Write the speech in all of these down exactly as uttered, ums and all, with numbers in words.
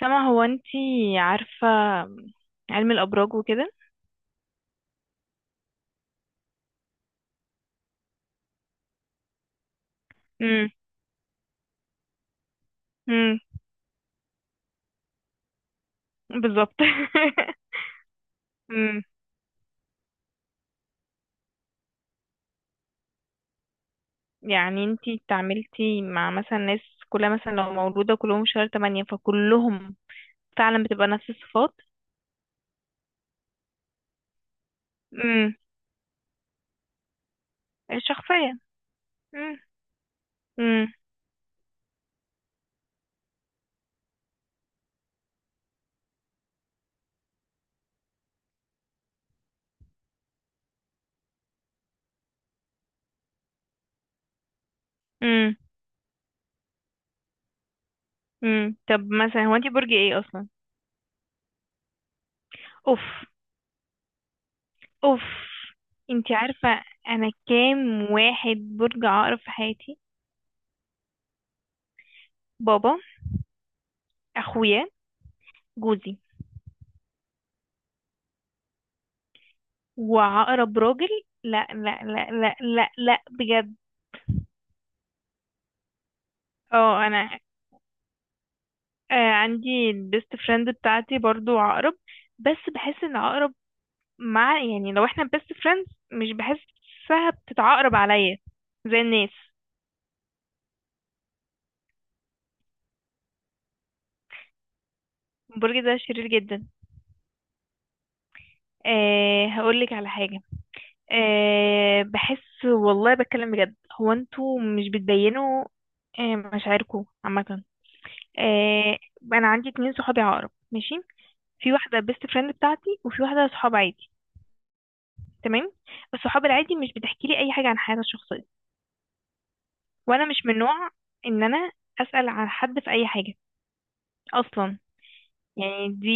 سما، هو انتي عارفة علم الأبراج وكده؟ امم امم بالظبط. امم يعني انتي اتعاملتي مع مثلا ناس كلها، مثلا لو مولودة كلهم شهر تمانية، فكلهم فعلا بتبقى نفس الصفات؟ امم الشخصية. امم امم امم امم طب مثلا، هو انتي برج ايه أصلا؟ اوف، اوف! انتي عارفة انا كام واحد برج عقرب في حياتي؟ بابا، اخويا، جوزي، وعقرب راجل. لا، لا، لا، لا، لا، لا، بجد. اه. انا آه عندي البيست فريند بتاعتي برضو عقرب. بس بحس ان عقرب، مع يعني لو احنا بيست فريندز، مش بحسها بتتعقرب عليا زي الناس. برج ده شرير جدا. أه، هقولك على حاجة. أه، بحس والله، بتكلم بجد. هو انتوا مش بتبينوا آه، مشاعركم عامة؟ آه، انا عندي اتنين صحابي عقرب. ماشي. في واحده بيست فريند بتاعتي، وفي واحده صحاب عادي. تمام. الصحاب العادي مش بتحكي لي اي حاجه عن حياتها الشخصيه، وانا مش من نوع ان انا اسال عن حد في اي حاجه اصلا. يعني دي،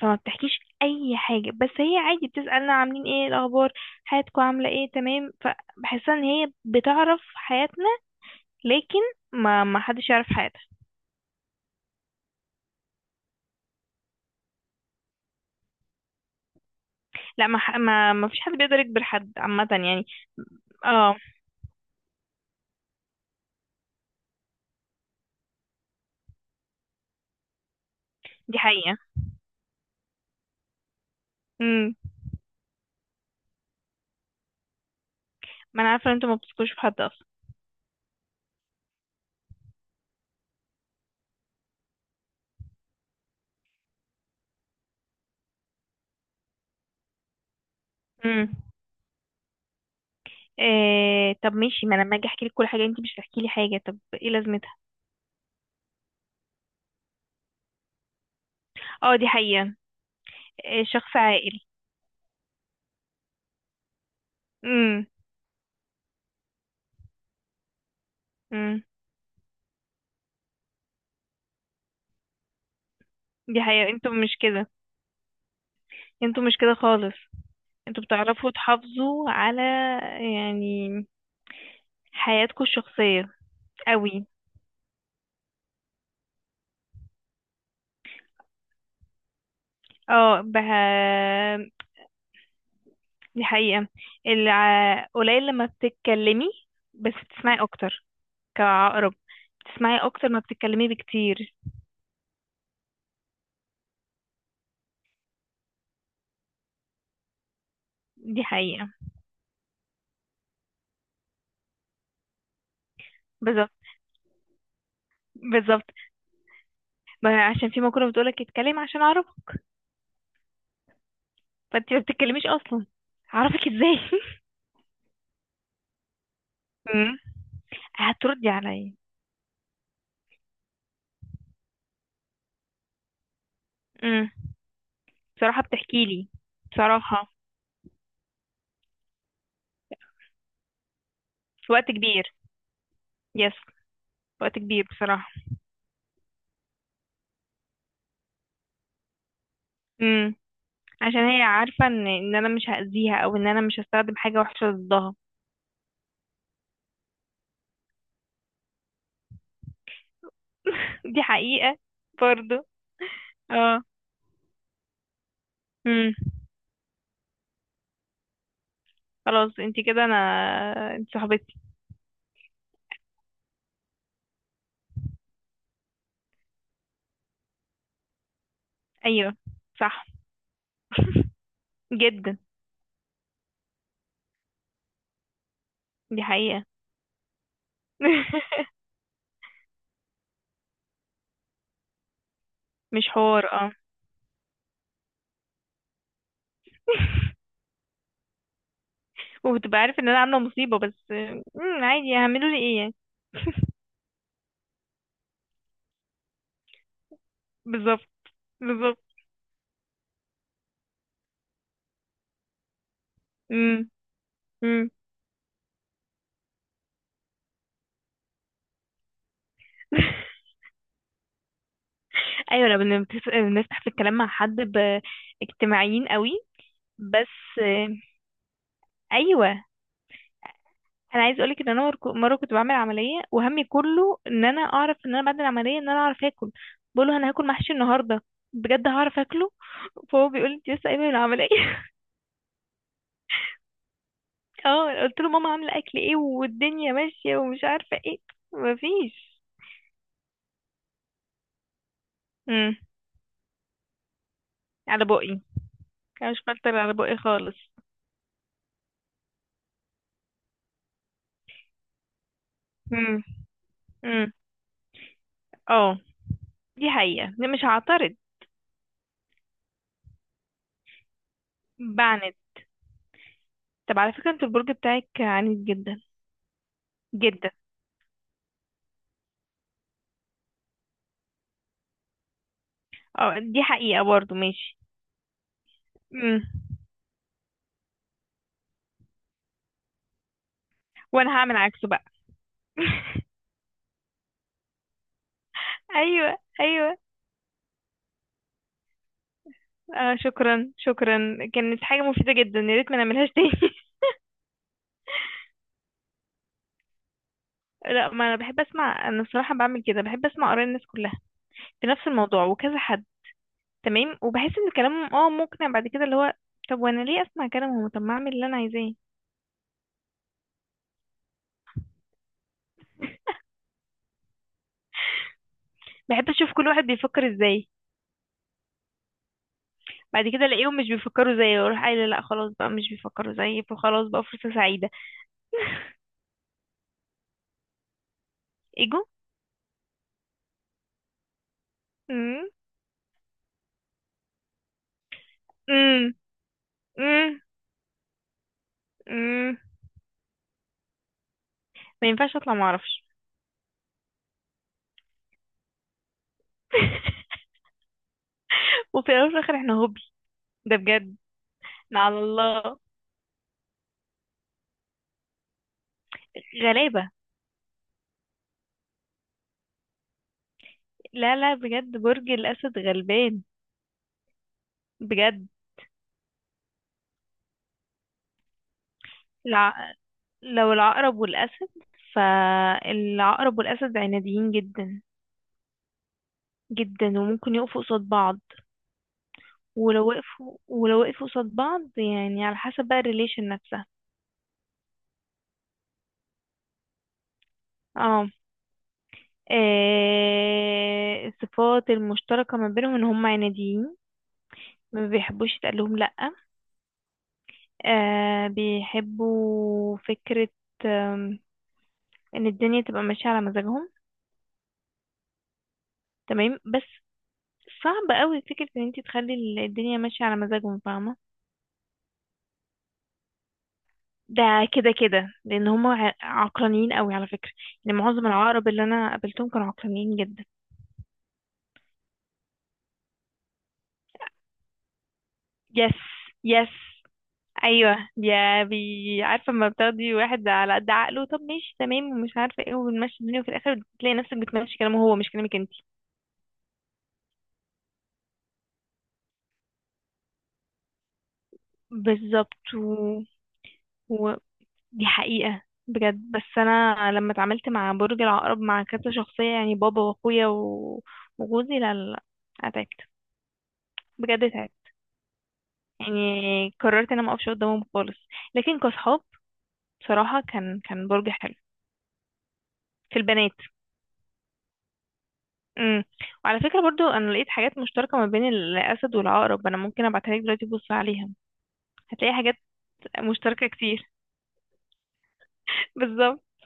فما بتحكيش اي حاجه، بس هي عادي بتسالنا عاملين ايه الاخبار، حياتكم عامله ايه، تمام، فبحسها ان هي بتعرف حياتنا، لكن ما ما حدش يعرف حياتها. لا، ما ح- ما ما فيش حد بيقدر يكبر حد عامه يعني. اه، دي حقيقه. امم ما انا عارفه ان انتوا ما بتثقوش في حد اصلا. امم إيه؟ طب ماشي، ما انا لما اجي احكي لك كل حاجه انت مش هتحكي لي حاجه، طب ايه لازمتها؟ اه، دي حقيقه. إيه، شخص عاقل. امم امم دي حقيقه. انتوا مش كده، انتوا مش كده خالص. انتوا بتعرفوا تحافظوا على يعني حياتكم الشخصيه قوي. اه، بها. دي حقيقه. الع... قليل لما بتتكلمي، بس بتسمعي اكتر كعقرب. بتسمعي اكتر ما بتتكلمي بكتير. دي حقيقه. بالظبط، بالظبط. ما عشان في مقولة بتقولك: اتكلم عشان اعرفك. فانت ما بتتكلميش اصلا، اعرفك ازاي؟ امم هتردي عليا؟ امم بصراحة بتحكي لي. بصراحة، وقت كبير. يس، وقت كبير بصراحة. امم عشان هي عارفة ان ان انا مش هأذيها، او ان انا مش هستخدم حاجة وحشة ضدها. دي حقيقة برضو. اه. امم خلاص، انت كده. انا انت صاحبتي. ايوه، صح جدا. دي حقيقة. مش حوار اه. وبتبقى عارف ان انا عامله مصيبه، بس امم عادي، هعملوا لي ايه يعني؟ بالظبط، بالظبط. امم امم ايوه، لو بن- بتف- بنفتح في الكلام مع حد ب- اجتماعيين قوي. بس آه، ايوه. انا عايز اقولك ان انا مر- مره كنت بعمل عمليه، وهمي كله ان انا اعرف، ان انا بعد العمليه ان انا اعرف اكل. بقوله: انا هاكل محشي النهارده بجد، هعرف اكله؟ فهو بيقول لي: انت لسه قايمه من العمليه؟ اه، قلت له: ماما عامله اكل ايه، والدنيا ماشيه، ومش عارفه ايه. مفيش. على بقي. انا مش بفلتر على بقي خالص. امم امم اه، دي حقيقة، لا مش هعترض. بعند. طب على فكرة، انت البرج بتاعك عنيد جدا. جدا. اه، دي حقيقة برضو. ماشي. امم وانا هعمل عكسه بقى. ايوه، ايوه. آه، شكرا، شكرا. كانت حاجة مفيدة جدا، يا ريت ما نعملهاش تاني. لا، ما انا بحب اسمع. انا الصراحة بعمل كده، بحب اسمع اراء الناس كلها في نفس الموضوع وكذا حد. تمام، وبحس ان كلامهم اه مقنع بعد كده، اللي هو طب وانا ليه اسمع كلامهم؟ طب ما اعمل اللي انا عايزاه. بحب اشوف كل واحد بيفكر ازاي. بعد كده الاقيهم مش بيفكروا زيي، واروح قايله: لا خلاص بقى مش بيفكروا زيي، فخلاص بقى فرصه سعيده. ايجو. امم امم امم امم ما ينفعش اطلع ما اعرفش. وفي الاول وفي الاخر احنا هوبي. ده بجد. إحنا على الله. غلابه. لا، لا، بجد برج الاسد غلبان. بجد. الع... لو العقرب والاسد، فالعقرب والاسد عناديين جدا. جدا. وممكن يقفوا قصاد بعض. ولو وقفوا ولو وقفوا قصاد بعض يعني على حسب بقى الريليشن نفسها. اه. آه، الصفات المشتركة ما بينهم ان هم عناديين، ما بيحبوش يتقال لهم لأ. آه بيحبوا فكرة آم، ان الدنيا تبقى ماشية على مزاجهم. تمام، بس صعب قوي فكرة ان انت تخلي ال- الدنيا ماشية على مزاجهم، فاهمة؟ ده كده كده، لان هم ع- عقلانيين قوي على فكرة. يعني معظم العقرب اللي انا قابلتهم كانوا عقلانيين جدا. يس، يس. ايوه يا بي. عارفه لما بتاخدي واحد على قد عقله، طب ماشي تمام ومش عارفه ايه، وبنمشي الدنيا، وفي الاخر بتلاقي نفسك بتمشي كلامه هو، مش كلامك انت. بالظبط. و... و... دي حقيقه. بجد. بس انا لما اتعاملت مع برج العقرب مع كذا شخصيه، يعني بابا واخويا و... وجوزي، لا، لا، لا، اتعبت. بجد اتعبت. يعني قررت ان انا ما اقفش قدامهم خالص. لكن كصحاب، بصراحه كان كان برج حلو في البنات. امم وعلى فكرة برضو، انا لقيت حاجات مشتركة ما بين الاسد والعقرب. انا ممكن ابعتها لك دلوقتي، بص عليها. هتلاقي حاجات مشتركة كتير. بالظبط.